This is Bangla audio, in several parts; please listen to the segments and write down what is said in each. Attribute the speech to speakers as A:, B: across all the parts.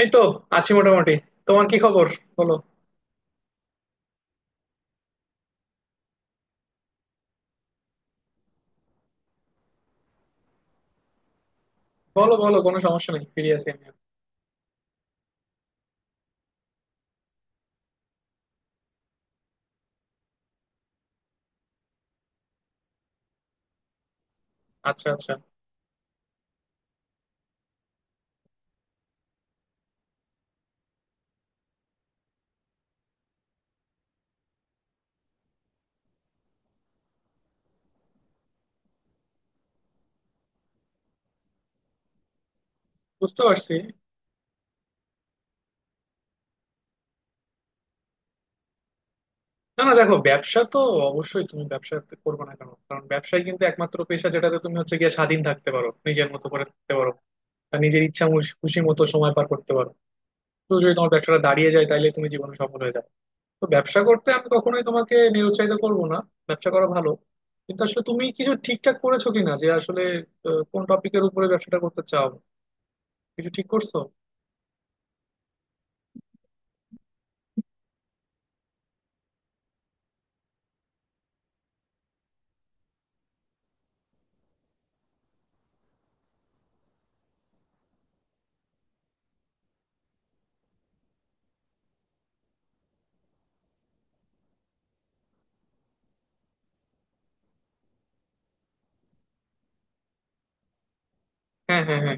A: এই তো আছি মোটামুটি। তোমার কি খবর? বলো বলো। বলো, কোনো সমস্যা নেই, ফিরে আছি আমি। আচ্ছা আচ্ছা, বুঝতে পারছি। না না দেখো, ব্যবসা তো অবশ্যই তুমি ব্যবসা করবে না কেন? কারণ ব্যবসায় কিন্তু একমাত্র পেশা যেটাতে তুমি হচ্ছে গিয়ে স্বাধীন থাকতে পারো, নিজের মতো করে থাকতে পারো। আর নিজের খুশি মতো সময় পার করতে পারো। তো যদি তোমার ব্যবসাটা দাঁড়িয়ে যায় তাহলে তুমি জীবনে সফল হয়ে যাবে। তো ব্যবসা করতে আমি কখনোই তোমাকে নিরুৎসাহিত করবো না। ব্যবসা করা ভালো, কিন্তু আসলে তুমি কিছু ঠিকঠাক করেছো কিনা যে আসলে কোন টপিকের উপরে ব্যবসাটা করতে চাও? কিছু ঠিক করছো? হ্যাঁ হ্যাঁ হ্যাঁ।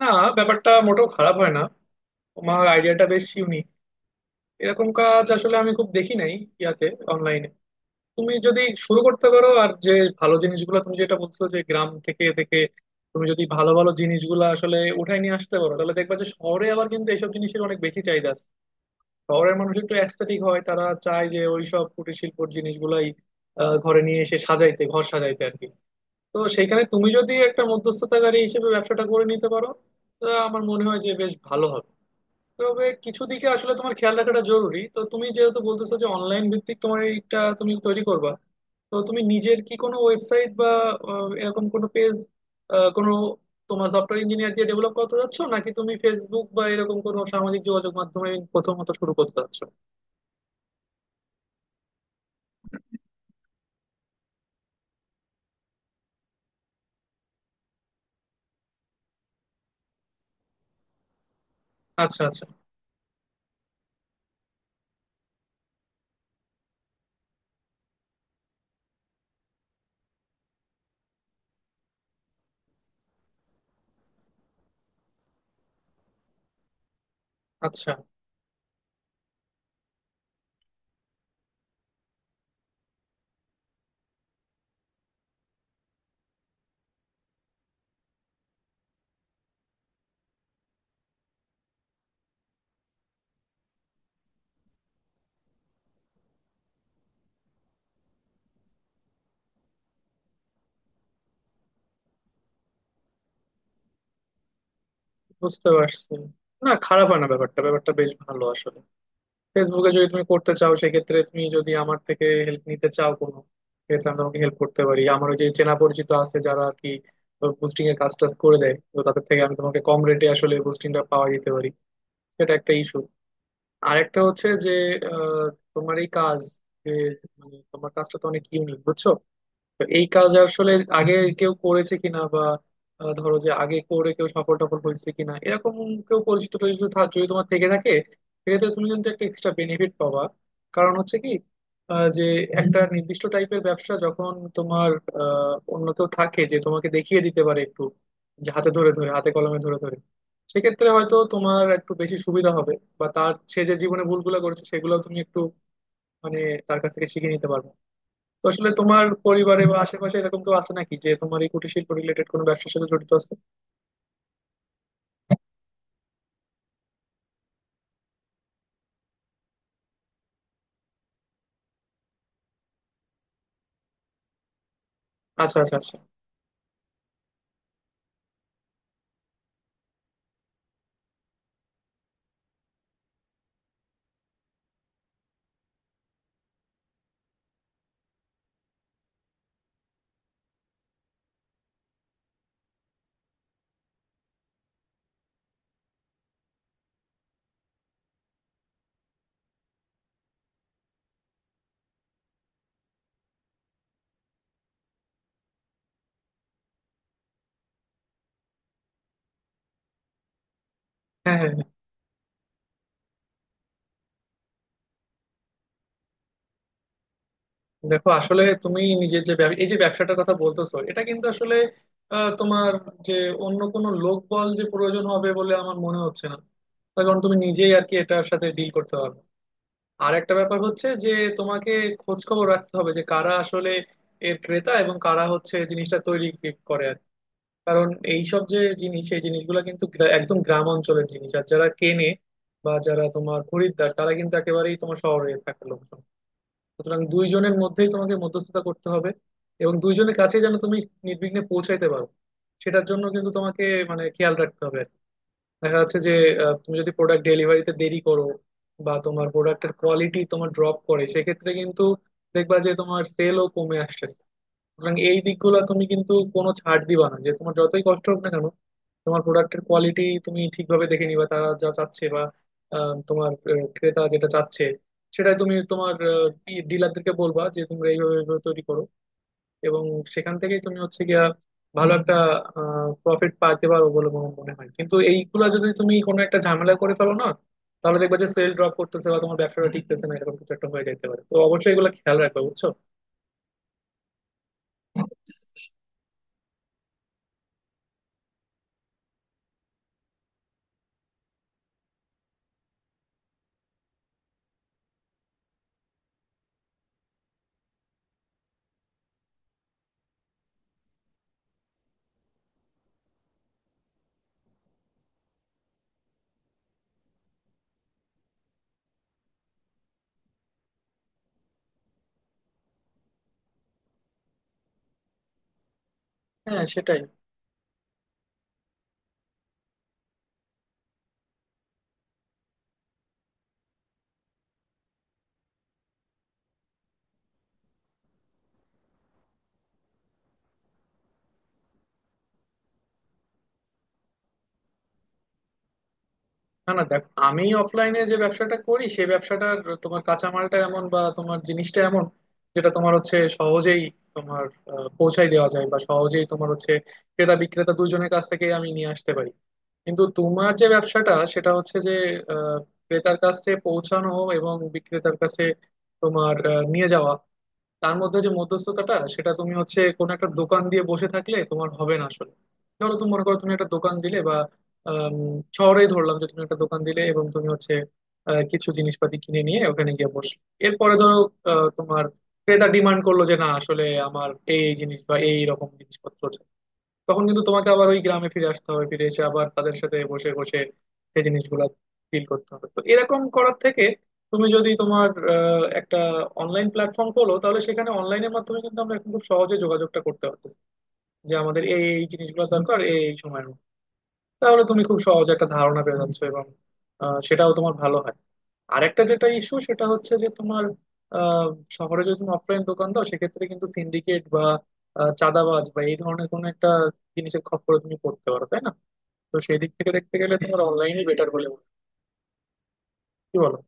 A: না, ব্যাপারটা মোটেও খারাপ হয় না। তোমার আইডিয়াটা বেশ ইউনিক, এরকম কাজ আসলে আমি খুব দেখি নাই ইয়াতে, অনলাইনে। তুমি যদি শুরু করতে পারো, আর যে ভালো জিনিসগুলো তুমি যেটা বলছো যে গ্রাম থেকে থেকে তুমি যদি ভালো ভালো জিনিসগুলো আসলে উঠাই নিয়ে আসতে পারো, তাহলে দেখবা যে শহরে আবার কিন্তু এইসব জিনিসের অনেক বেশি চাহিদা আছে। শহরের মানুষ একটু অ্যাস্থেটিক হয়, তারা চায় যে ওইসব কুটির শিল্পর জিনিসগুলাই ঘরে নিয়ে এসে সাজাইতে, ঘর সাজাইতে আর কি। তো সেখানে তুমি যদি একটা মধ্যস্থতাকারী হিসেবে ব্যবসাটা করে নিতে পারো, তো আমার মনে হয় যে বেশ ভালো হবে। তবে কিছু দিকে আসলে তোমার খেয়াল রাখাটা জরুরি। তো তুমি যেহেতু বলতেছো যে অনলাইন ভিত্তিক তোমার এইটা তুমি তৈরি করবা, তো তুমি নিজের কি কোনো ওয়েবসাইট বা এরকম কোনো পেজ, কোনো তোমার সফটওয়্যার ইঞ্জিনিয়ার দিয়ে ডেভেলপ করতে যাচ্ছ, নাকি তুমি ফেসবুক বা এরকম কোনো সামাজিক যোগাযোগ মাধ্যমে প্রথমত শুরু করতে যাচ্ছ? আচ্ছা আচ্ছা আচ্ছা, বুঝতে পারছি। না, খারাপ হয় না ব্যাপারটা, ব্যাপারটা বেশ ভালো আসলে। ফেসবুকে যদি তুমি করতে চাও, সেক্ষেত্রে তুমি যদি আমার থেকে হেল্প নিতে চাও কোনো, সেক্ষেত্রে আমি তোমাকে হেল্প করতে পারি। আমার ওই যে চেনা পরিচিত আছে যারা আর কি বুস্টিং এর কাজ টাজ করে দেয়, তো তাদের থেকে আমি তোমাকে কম রেটে আসলে বুস্টিংটা পাওয়া যেতে পারি। সেটা একটা ইস্যু। আর একটা হচ্ছে যে আহ, তোমার এই কাজ, যে মানে তোমার কাজটা তো অনেক ইউনিক বুঝছো, তো এই কাজ আসলে আগে কেউ করেছে কিনা, বা ধরো যে আগে করে কেউ সফল টফল হয়েছে কিনা, এরকম কেউ পরিচিত টরিচিত যদি তোমার থেকে থাকে, সেক্ষেত্রে তুমি কিন্তু একটা এক্সট্রা বেনিফিট পাবা। কারণ হচ্ছে কি, যে একটা নির্দিষ্ট টাইপের ব্যবসা যখন তোমার অন্য কেউ থাকে যে তোমাকে দেখিয়ে দিতে পারে একটু, যে হাতে ধরে ধরে, হাতে কলমে ধরে ধরে, সেক্ষেত্রে হয়তো তোমার একটু বেশি সুবিধা হবে। বা তার, সে যে জীবনে ভুলগুলো করেছে সেগুলো তুমি একটু মানে তার কাছ থেকে শিখে নিতে পারবে। তো আসলে তোমার পরিবারে বা আশেপাশে এরকম কেউ আছে নাকি যে তোমার এই কুটির শিল্প রিলেটেড কোনো ব্যবসার সাথে জড়িত আছে? আচ্ছা আচ্ছা আচ্ছা। হ্যাঁ হ্যাঁ হ্যাঁ। দেখো আসলে তুমি নিজের যে এই যে ব্যবসাটার কথা বলতেছো, এটা কিন্তু আসলে তোমার যে অন্য কোনো লোকবল যে প্রয়োজন হবে বলে আমার মনে হচ্ছে না। তার কারণ তুমি নিজেই আর কি এটার সাথে ডিল করতে পারবে। আর একটা ব্যাপার হচ্ছে যে তোমাকে খোঁজ খবর রাখতে হবে যে কারা আসলে এর ক্রেতা এবং কারা হচ্ছে জিনিসটা তৈরি করে আর কি। কারণ এইসব যে জিনিস, এই জিনিসগুলো কিন্তু একদম গ্রাম অঞ্চলের জিনিস, আর যারা কেনে বা যারা তোমার খরিদ্দার, তারা কিন্তু একেবারেই তোমার শহরে থাকে লোকজন। সুতরাং দুইজনের মধ্যেই তোমাকে মধ্যস্থতা করতে হবে এবং দুইজনের কাছে যেন তুমি নির্বিঘ্নে পৌঁছাইতে পারো, সেটার জন্য কিন্তু তোমাকে মানে খেয়াল রাখতে হবে আর কি। দেখা যাচ্ছে যে তুমি যদি প্রোডাক্ট ডেলিভারিতে দেরি করো বা তোমার প্রোডাক্টের কোয়ালিটি তোমার ড্রপ করে, সেক্ষেত্রে কিন্তু দেখবা যে তোমার সেলও কমে আসছে। সুতরাং এই দিকগুলো তুমি কিন্তু কোনো ছাড় দিবা না, যে তোমার যতই কষ্ট হোক না কেন, তোমার প্রোডাক্টের কোয়ালিটি তুমি ঠিকভাবে দেখে নিবা। তারা যা চাচ্ছে বা ক্রেতা যেটা চাচ্ছে সেটাই তুমি তোমার ডিলারদেরকে বলবা যে তোমরা এইভাবে এইভাবে তৈরি করো, এবং সেখান থেকেই তুমি হচ্ছে গিয়া ভালো একটা প্রফিট পাইতে পারো বলে আমার মনে হয়। কিন্তু এইগুলা যদি তুমি কোনো একটা ঝামেলা করে ফেলো না, তাহলে দেখবা যে সেল ড্রপ করতেছে বা তোমার ব্যবসাটা টিকতেছে না, এরকম কিছু একটা হয়ে যাইতে পারে। তো অবশ্যই এগুলো খেয়াল রাখবা, বুঝছো। হ্যাঁ সেটাই। না না দেখ, আমি অফলাইনে যে ব্যবসাটা করি সেই ব্যবসাটার তোমার কাঁচামালটা এমন, বা তোমার জিনিসটা এমন যেটা তোমার হচ্ছে সহজেই তোমার পৌঁছাই দেওয়া যায়, বা সহজেই তোমার হচ্ছে ক্রেতা বিক্রেতা দুজনের কাছ থেকে আমি নিয়ে আসতে পারি। কিন্তু তোমার যে ব্যবসাটা সেটা হচ্ছে যে আহ, ক্রেতার কাছে পৌঁছানো এবং বিক্রেতার কাছে তোমার নিয়ে যাওয়া, তার মধ্যে যে মধ্যস্থতাটা, সেটা তুমি হচ্ছে কোনো একটা দোকান দিয়ে বসে থাকলে তোমার হবে না আসলে। ধরো তুমি মনে করো তুমি একটা দোকান দিলে বা আম, শহরেই ধরলাম যে তুমি একটা দোকান দিলে এবং তুমি হচ্ছে কিছু জিনিসপাতি কিনে নিয়ে ওখানে গিয়ে বসলে, এরপরে ধরো তোমার ক্রেতা ডিমান্ড করলো যে না আসলে আমার এই এই জিনিস বা এই রকম জিনিসপত্র, তখন কিন্তু তোমাকে আবার ওই গ্রামে ফিরে আসতে হবে, ফিরে এসে আবার তাদের সাথে বসে বসে সেই জিনিসগুলো ফিল করতে হবে। তো এরকম করার থেকে তুমি যদি তোমার একটা অনলাইন প্ল্যাটফর্ম খোলো, তাহলে সেখানে অনলাইনের মাধ্যমে কিন্তু আমরা এখন খুব সহজে যোগাযোগটা করতে পারতেছি যে আমাদের এই এই জিনিসগুলো দরকার এই এই সময়ের মধ্যে। তাহলে তুমি খুব সহজে একটা ধারণা পেয়ে যাচ্ছ, এবং সেটাও তোমার ভালো হয়। আরেকটা যেটা ইস্যু, সেটা হচ্ছে যে তোমার আহ, শহরে যদি তুমি অফলাইন দোকান দাও, সেক্ষেত্রে কিন্তু সিন্ডিকেট বা চাঁদাবাজ বা এই ধরনের কোনো একটা জিনিসের খপ্পরে তুমি পড়তে পারো, তাই না। তো সেই দিক থেকে দেখতে গেলে তোমার অনলাইনে বেটার বলে মনে হয়। কি বলো।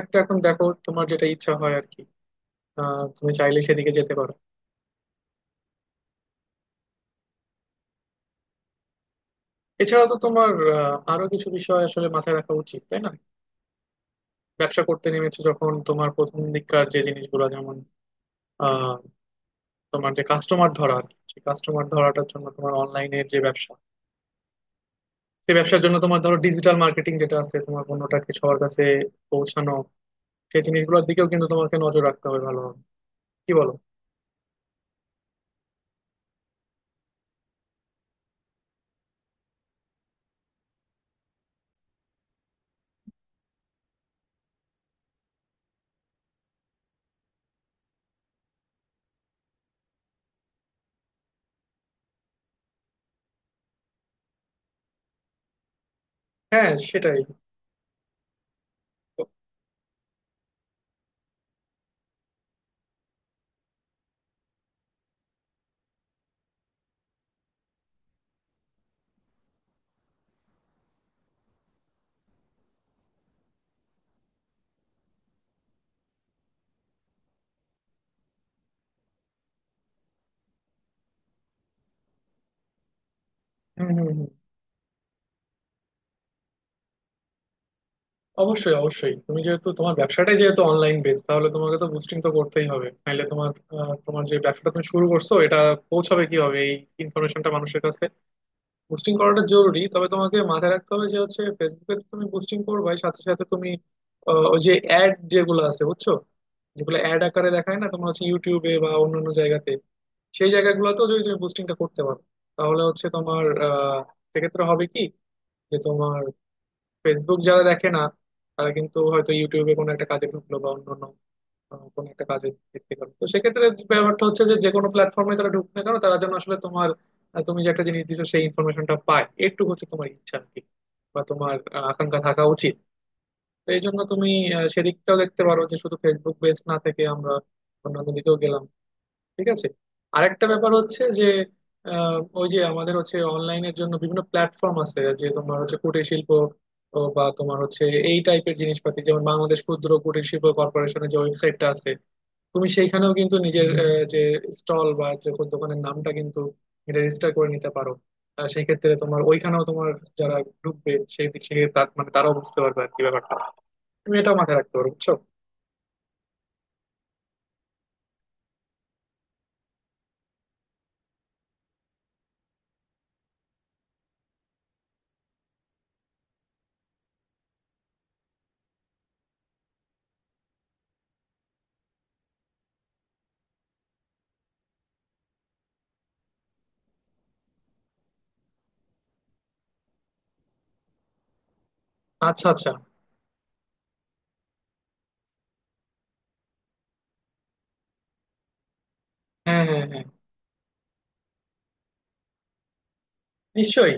A: একটা এখন দেখো তোমার যেটা ইচ্ছা হয় আর কি, তুমি চাইলে সেদিকে যেতে পারো। এছাড়া তো তোমার আরো কিছু বিষয় আসলে মাথায় রাখা উচিত, তাই না। ব্যবসা করতে নেমেছো যখন, তোমার প্রথম দিককার যে জিনিসগুলো যেমন আহ, তোমার যে কাস্টমার ধরা আর কি, সেই কাস্টমার ধরাটার জন্য তোমার অনলাইনের যে ব্যবসা, সেই ব্যবসার জন্য তোমার ধরো ডিজিটাল মার্কেটিং যেটা আছে, তোমার পণ্যটাকে সবার কাছে পৌঁছানো, সেই জিনিসগুলোর দিকেও কিন্তু তোমাকে নজর রাখতে হবে ভালোভাবে। কি বলো। হ্যাঁ সেটাই। হুম হুম হুম। অবশ্যই অবশ্যই, তুমি যেহেতু তোমার ব্যবসাটাই যেহেতু অনলাইন বেস, তাহলে তোমাকে তো বুস্টিং তো করতেই হবে, নাহলে তোমার তোমার যে ব্যবসাটা তুমি শুরু করছো এটা পৌঁছাবে কিভাবে, এই ইনফরমেশনটা মানুষের কাছে। বুস্টিং করাটা জরুরি, তবে তোমাকে মাথায় রাখতে হবে যে হচ্ছে ফেসবুকে তো তুমি বুস্টিং করবাই, সাথে সাথে তুমি ওই যে অ্যাড যেগুলো আছে বুঝছো, যেগুলো অ্যাড আকারে দেখায় না তোমার হচ্ছে, ইউটিউবে বা অন্যান্য জায়গাতে, সেই জায়গাগুলোতেও যদি তুমি বুস্টিংটা করতে পারো, তাহলে হচ্ছে তোমার সেক্ষেত্রে হবে কি যে তোমার ফেসবুক যারা দেখে না, তারা কিন্তু হয়তো ইউটিউবে কোনো একটা কাজে ঢুকলো বা অন্যান্য কোনো একটা কাজে ভিত্তি করে, তো সেক্ষেত্রে যে ব্যাপারটা হচ্ছে, যে যে কোনো প্ল্যাটফর্মে তারা ঢুকবে না কেন, তারা যেন আসলে তোমার তুমি যে একটা জিনিস দিচ্ছ সেই ইনফরমেশনটা পায়, একটু হচ্ছে তোমার ইচ্ছা আর কি, বা তোমার আকাঙ্ক্ষা থাকা উচিত। তো এই জন্য তুমি সেদিকটাও দেখতে পারো, যে শুধু ফেসবুক বেস না থেকে আমরা অন্যান্য দিকেও গেলাম। ঠিক আছে। আরেকটা ব্যাপার হচ্ছে যে ওই যে আমাদের হচ্ছে অনলাইনের জন্য বিভিন্ন প্ল্যাটফর্ম আছে যে তোমার হচ্ছে কুটির শিল্প ও, বা তোমার হচ্ছে এই টাইপের জিনিসপাতি, যেমন বাংলাদেশ ক্ষুদ্র কুটির শিল্প কর্পোরেশনের যে ওয়েবসাইটটা আছে, তুমি সেইখানেও কিন্তু নিজের যে স্টল বা যে দোকানের নামটা কিন্তু রেজিস্টার করে নিতে পারো। সেই ক্ষেত্রে তোমার ওইখানেও তোমার যারা ঢুকবে, সেই দিক থেকে তার মানে তারাও বুঝতে পারবে আর কি ব্যাপারটা। তুমি এটাও মাথায় রাখতে পারো, বুঝছো। আচ্ছা আচ্ছা। হ্যাঁ হ্যাঁ হ্যাঁ, নিশ্চয়ই।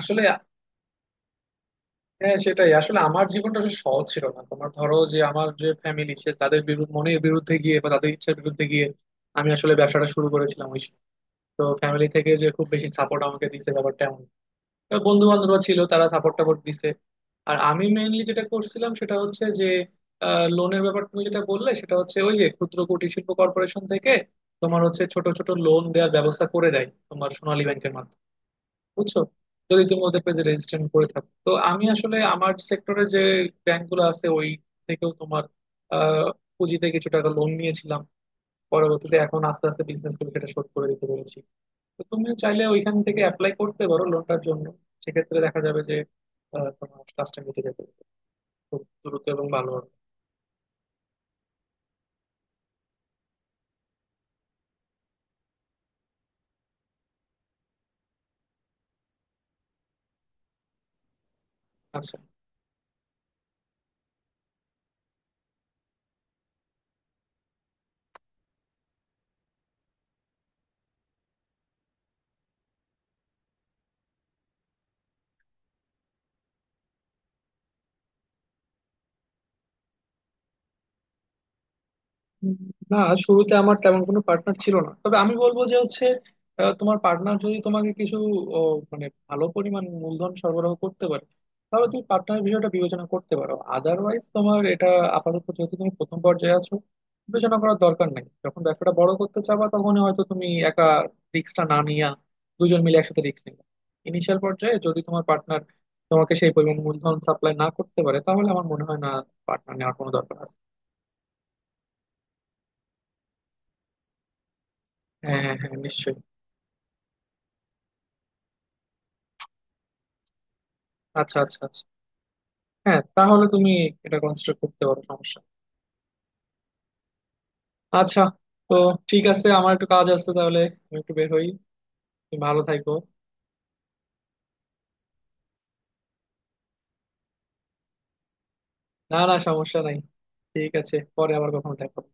A: আসলে হ্যাঁ সেটাই, আসলে আমার জীবনটা আসলে সহজ ছিল না। তোমার ধরো যে আমার যে ফ্যামিলি, সে তাদের বিরুদ্ধে, মনের বিরুদ্ধে গিয়ে বা তাদের ইচ্ছার বিরুদ্ধে গিয়ে আমি আসলে ব্যবসাটা শুরু করেছিলাম ওই সময়। তো ফ্যামিলি থেকে যে খুব বেশি সাপোর্ট আমাকে দিয়েছে ব্যাপারটা, বন্ধু বান্ধবরা ছিল, তারা সাপোর্ট টাপোর্ট দিছে। আর আমি মেইনলি যেটা করছিলাম সেটা হচ্ছে যে, লোনের ব্যাপার তুমি যেটা বললে, সেটা হচ্ছে ওই যে ক্ষুদ্র কুটির শিল্প কর্পোরেশন থেকে তোমার হচ্ছে ছোট ছোট লোন দেওয়ার ব্যবস্থা করে দেয় তোমার সোনালী ব্যাংকের মাধ্যমে, বুঝছো। যদি তুমি ওদের পেজে রেজিস্ট্রেশন করে থাকো, তো আমি আসলে আমার সেক্টরে যে ব্যাংকগুলো আছে ওই থেকেও তোমার আহ পুঁজিতে কিছু টাকা লোন নিয়েছিলাম, পরবর্তীতে এখন আস্তে আস্তে বিজনেস করে সেটা শোধ করে দিতে পেরেছি। তো তুমি চাইলে ওইখান থেকে অ্যাপ্লাই করতে পারো লোনটার জন্য। সেক্ষেত্রে দেখা যাবে যে তোমার কাজটা মিটে যাবে খুব দ্রুত এবং ভালো হবে। আচ্ছা। উম, না, শুরুতে আমার তেমন কোনো পার্টনার ছিল না, তবে আমি বলবো যে হচ্ছে তোমার পার্টনার যদি তোমাকে কিছু ও, মানে ভালো পরিমাণ মূলধন সরবরাহ করতে পারে, তাহলে তুমি পার্টনার বিষয়টা বিবেচনা করতে পারো। আদারওয়াইজ তোমার এটা আপাতত যেহেতু তুমি প্রথম পর্যায়ে আছো, বিবেচনা করার দরকার নাই। যখন ব্যবসাটা বড় করতে চাবা, তখন হয়তো তুমি একা রিস্কটা না নিয়ে দুজন মিলে একসাথে রিস্ক নিবে। ইনিশিয়াল পর্যায়ে যদি তোমার পার্টনার তোমাকে সেই পরিমাণ মূলধন সাপ্লাই না করতে পারে, তাহলে আমার মনে হয় না পার্টনার নেওয়ার কোনো দরকার আছে। হ্যাঁ হ্যাঁ হ্যাঁ, নিশ্চয়ই। আচ্ছা আচ্ছা আচ্ছা। হ্যাঁ তাহলে তুমি এটা কনসিডার করতে পারো, সমস্যা না। আচ্ছা। তো ঠিক আছে, আমার একটু কাজ আছে তাহলে, আমি একটু বের হই, তুমি ভালো থাকো। না না, সমস্যা নাই। ঠিক আছে, পরে আবার কখনো দেখা হবে।